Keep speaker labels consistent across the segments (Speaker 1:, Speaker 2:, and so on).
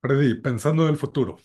Speaker 1: Freddy, pensando en el futuro.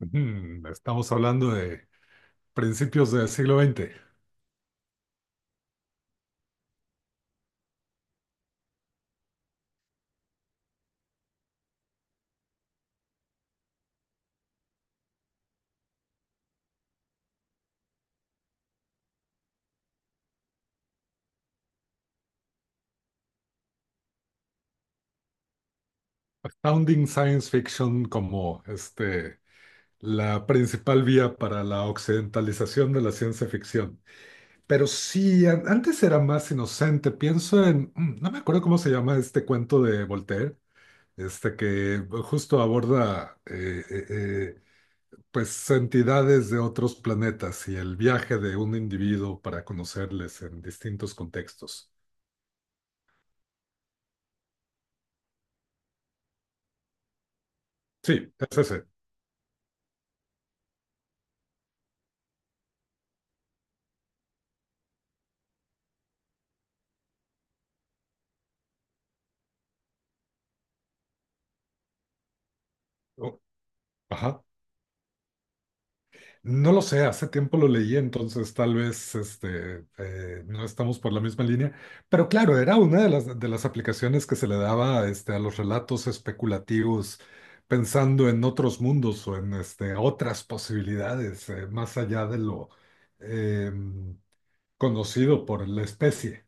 Speaker 1: Ujú, estamos hablando de principios del siglo XX. Astounding Science Fiction como este, la principal vía para la occidentalización de la ciencia ficción. Pero sí, antes era más inocente, pienso en, no me acuerdo cómo se llama este cuento de Voltaire, este que justo aborda pues entidades de otros planetas y el viaje de un individuo para conocerles en distintos contextos. Sí, es ese. Oh, ajá. No lo sé, hace tiempo lo leí, entonces tal vez este, no estamos por la misma línea, pero claro, era una de las aplicaciones que se le daba este, a los relatos especulativos, pensando en otros mundos o en este, otras posibilidades, más allá de lo eh, conocido por la especie.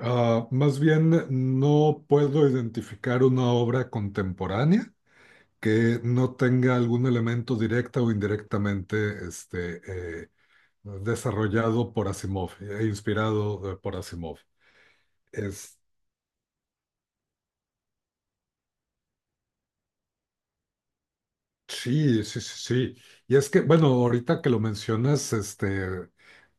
Speaker 1: Ah, más bien, no puedo identificar una obra contemporánea que no tenga algún elemento directa o indirectamente este, desarrollado por Asimov, inspirado por Asimov. Sí, sí, sí, sí. Y es que, bueno, ahorita que lo mencionas, este,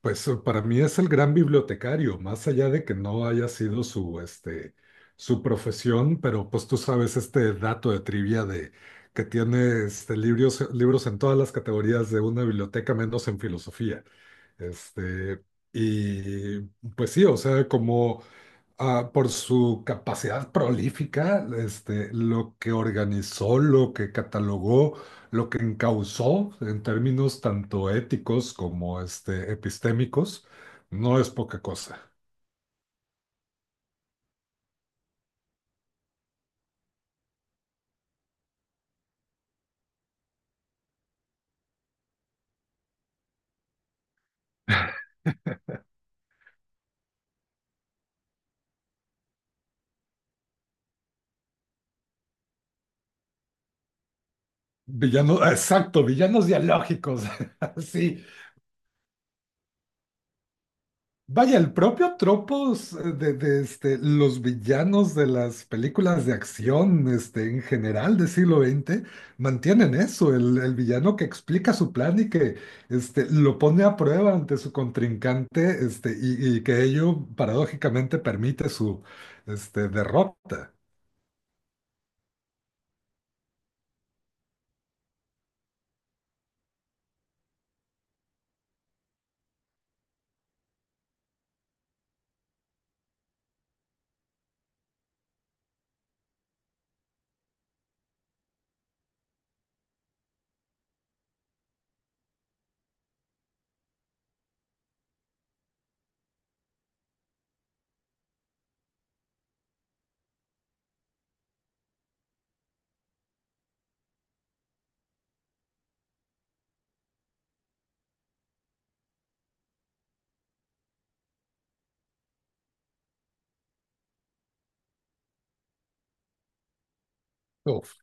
Speaker 1: pues para mí es el gran bibliotecario, más allá de que no haya sido su, este, su profesión, pero pues tú sabes este dato de trivia de que tiene este, libros, libros en todas las categorías de una biblioteca, menos en filosofía. Este, y pues sí, o sea, como ah, por su capacidad prolífica, este, lo que organizó, lo que catalogó, lo que encauzó en términos tanto éticos como este, epistémicos, no es poca cosa. Villanos, exacto, villanos dialógicos. Sí. Vaya, el propio tropos de, este, los villanos de las películas de acción este, en general del siglo XX mantienen eso, el villano que explica su plan y que este, lo pone a prueba ante su contrincante este, y que ello paradójicamente permite su este, derrota. Uf.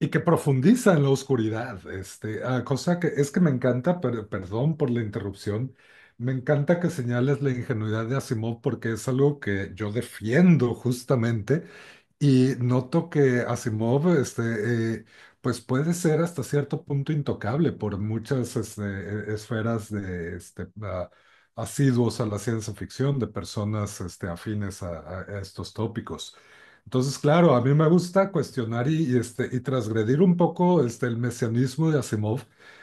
Speaker 1: Y que profundiza en la oscuridad, este, ah, cosa que es que me encanta, pero perdón por la interrupción. Me encanta que señales la ingenuidad de Asimov porque es algo que yo defiendo justamente y noto que Asimov, este, eh, pues puede ser hasta cierto punto intocable por muchas este, esferas de este, asiduos a la ciencia ficción, de personas este, afines a estos tópicos. Entonces, claro, a mí me gusta cuestionar y, este, y transgredir un poco este, el mesianismo de Asimov.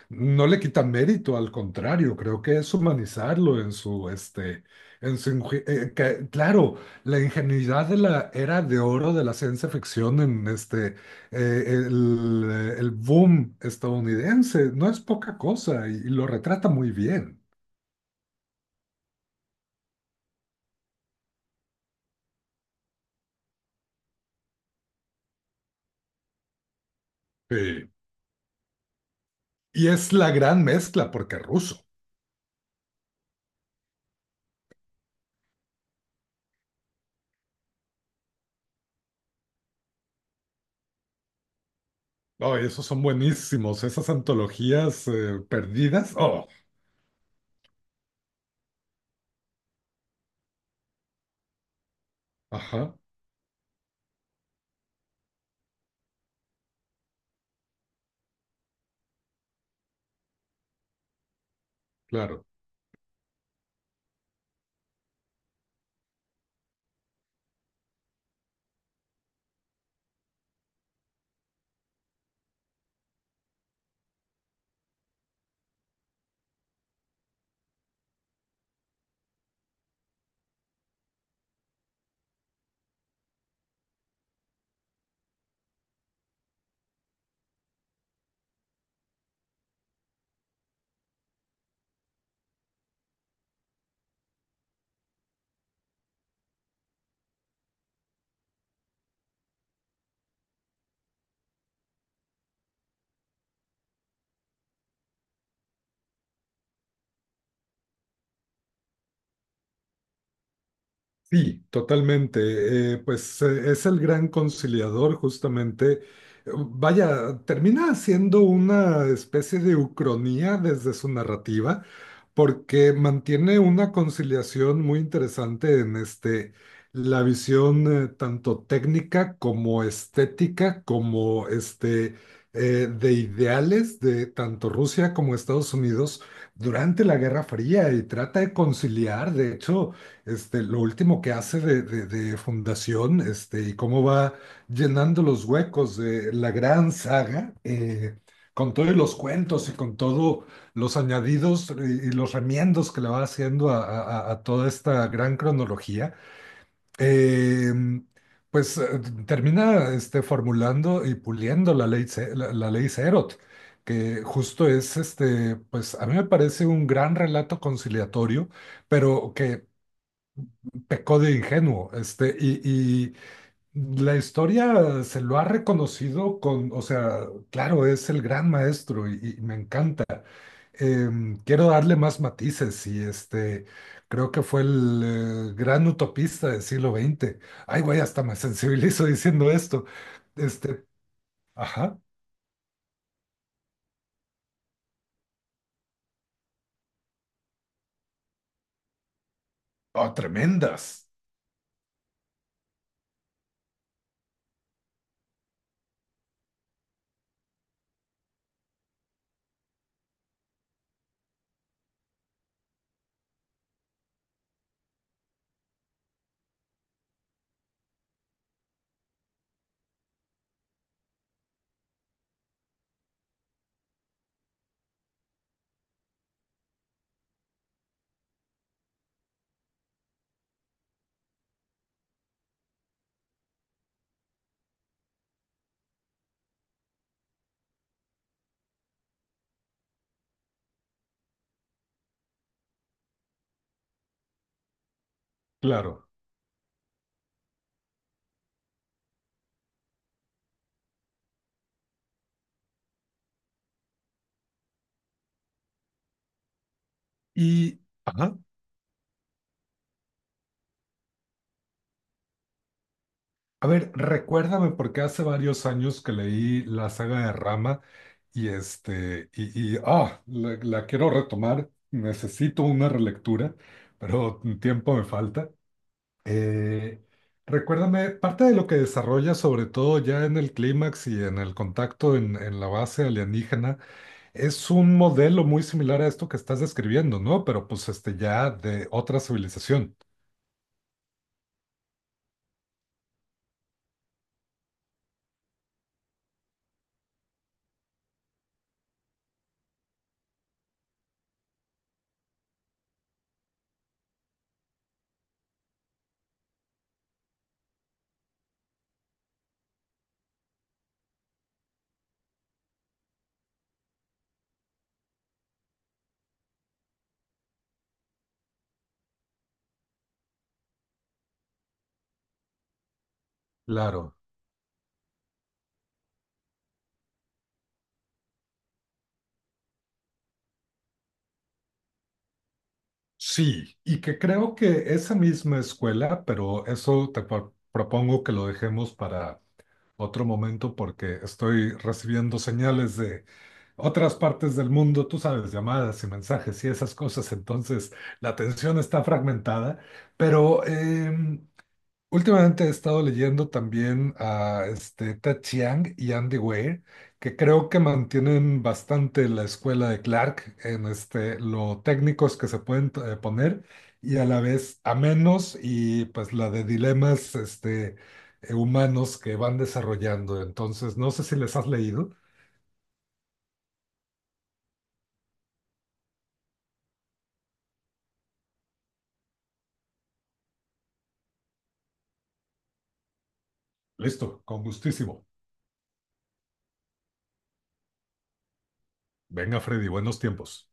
Speaker 1: No le quita mérito, al contrario, creo que es humanizarlo en su, este, en su, claro. La ingenuidad de la era de oro de la ciencia ficción en este, el boom estadounidense no es poca cosa y lo retrata muy bien. Sí. Y es la gran mezcla porque es ruso. Oh, esos son buenísimos, esas antologías perdidas. Oh, ajá, claro. Sí, totalmente. Pues es el gran conciliador justamente. Vaya, termina siendo una especie de ucronía desde su narrativa porque mantiene una conciliación muy interesante en este, la visión tanto técnica como estética, como este, de ideales de tanto Rusia como Estados Unidos durante la Guerra Fría y trata de conciliar, de hecho, este, lo último que hace de, de fundación este, y cómo va llenando los huecos de la gran saga. Con todos los cuentos y con todo los añadidos y los remiendos que le va haciendo a toda esta gran cronología, eh, pues termina este, formulando y puliendo la ley, la ley Serot, que justo es, este, pues a mí me parece un gran relato conciliatorio, pero que pecó de ingenuo, este, y la historia se lo ha reconocido con, o sea, claro, es el gran maestro y me encanta quiero darle más matices y este, creo que fue el gran utopista del siglo XX. Ay, güey, hasta me sensibilizo diciendo esto. Este, ajá, oh, tremendas, claro. Y, ajá, a ver, recuérdame porque hace varios años que leí la saga de Rama y este, ah, la quiero retomar, necesito una relectura, pero tiempo me falta. Eh, recuérdame, parte de lo que desarrolla, sobre todo ya en el clímax y en el contacto en, la base alienígena, es un modelo muy similar a esto que estás describiendo, ¿no? Pero pues este ya de otra civilización. Claro, sí, y que creo que esa misma escuela, pero eso te propongo que lo dejemos para otro momento porque estoy recibiendo señales de otras partes del mundo, tú sabes, llamadas y mensajes y esas cosas, entonces la atención está fragmentada, pero últimamente he estado leyendo también a este, Ted Chiang y Andy Weir, que creo que mantienen bastante la escuela de Clark en este, lo técnicos que se pueden poner y a la vez a menos y pues la de dilemas este, humanos que van desarrollando. Entonces, no sé si les has leído. Listo, con gustísimo. Venga, Freddy, buenos tiempos.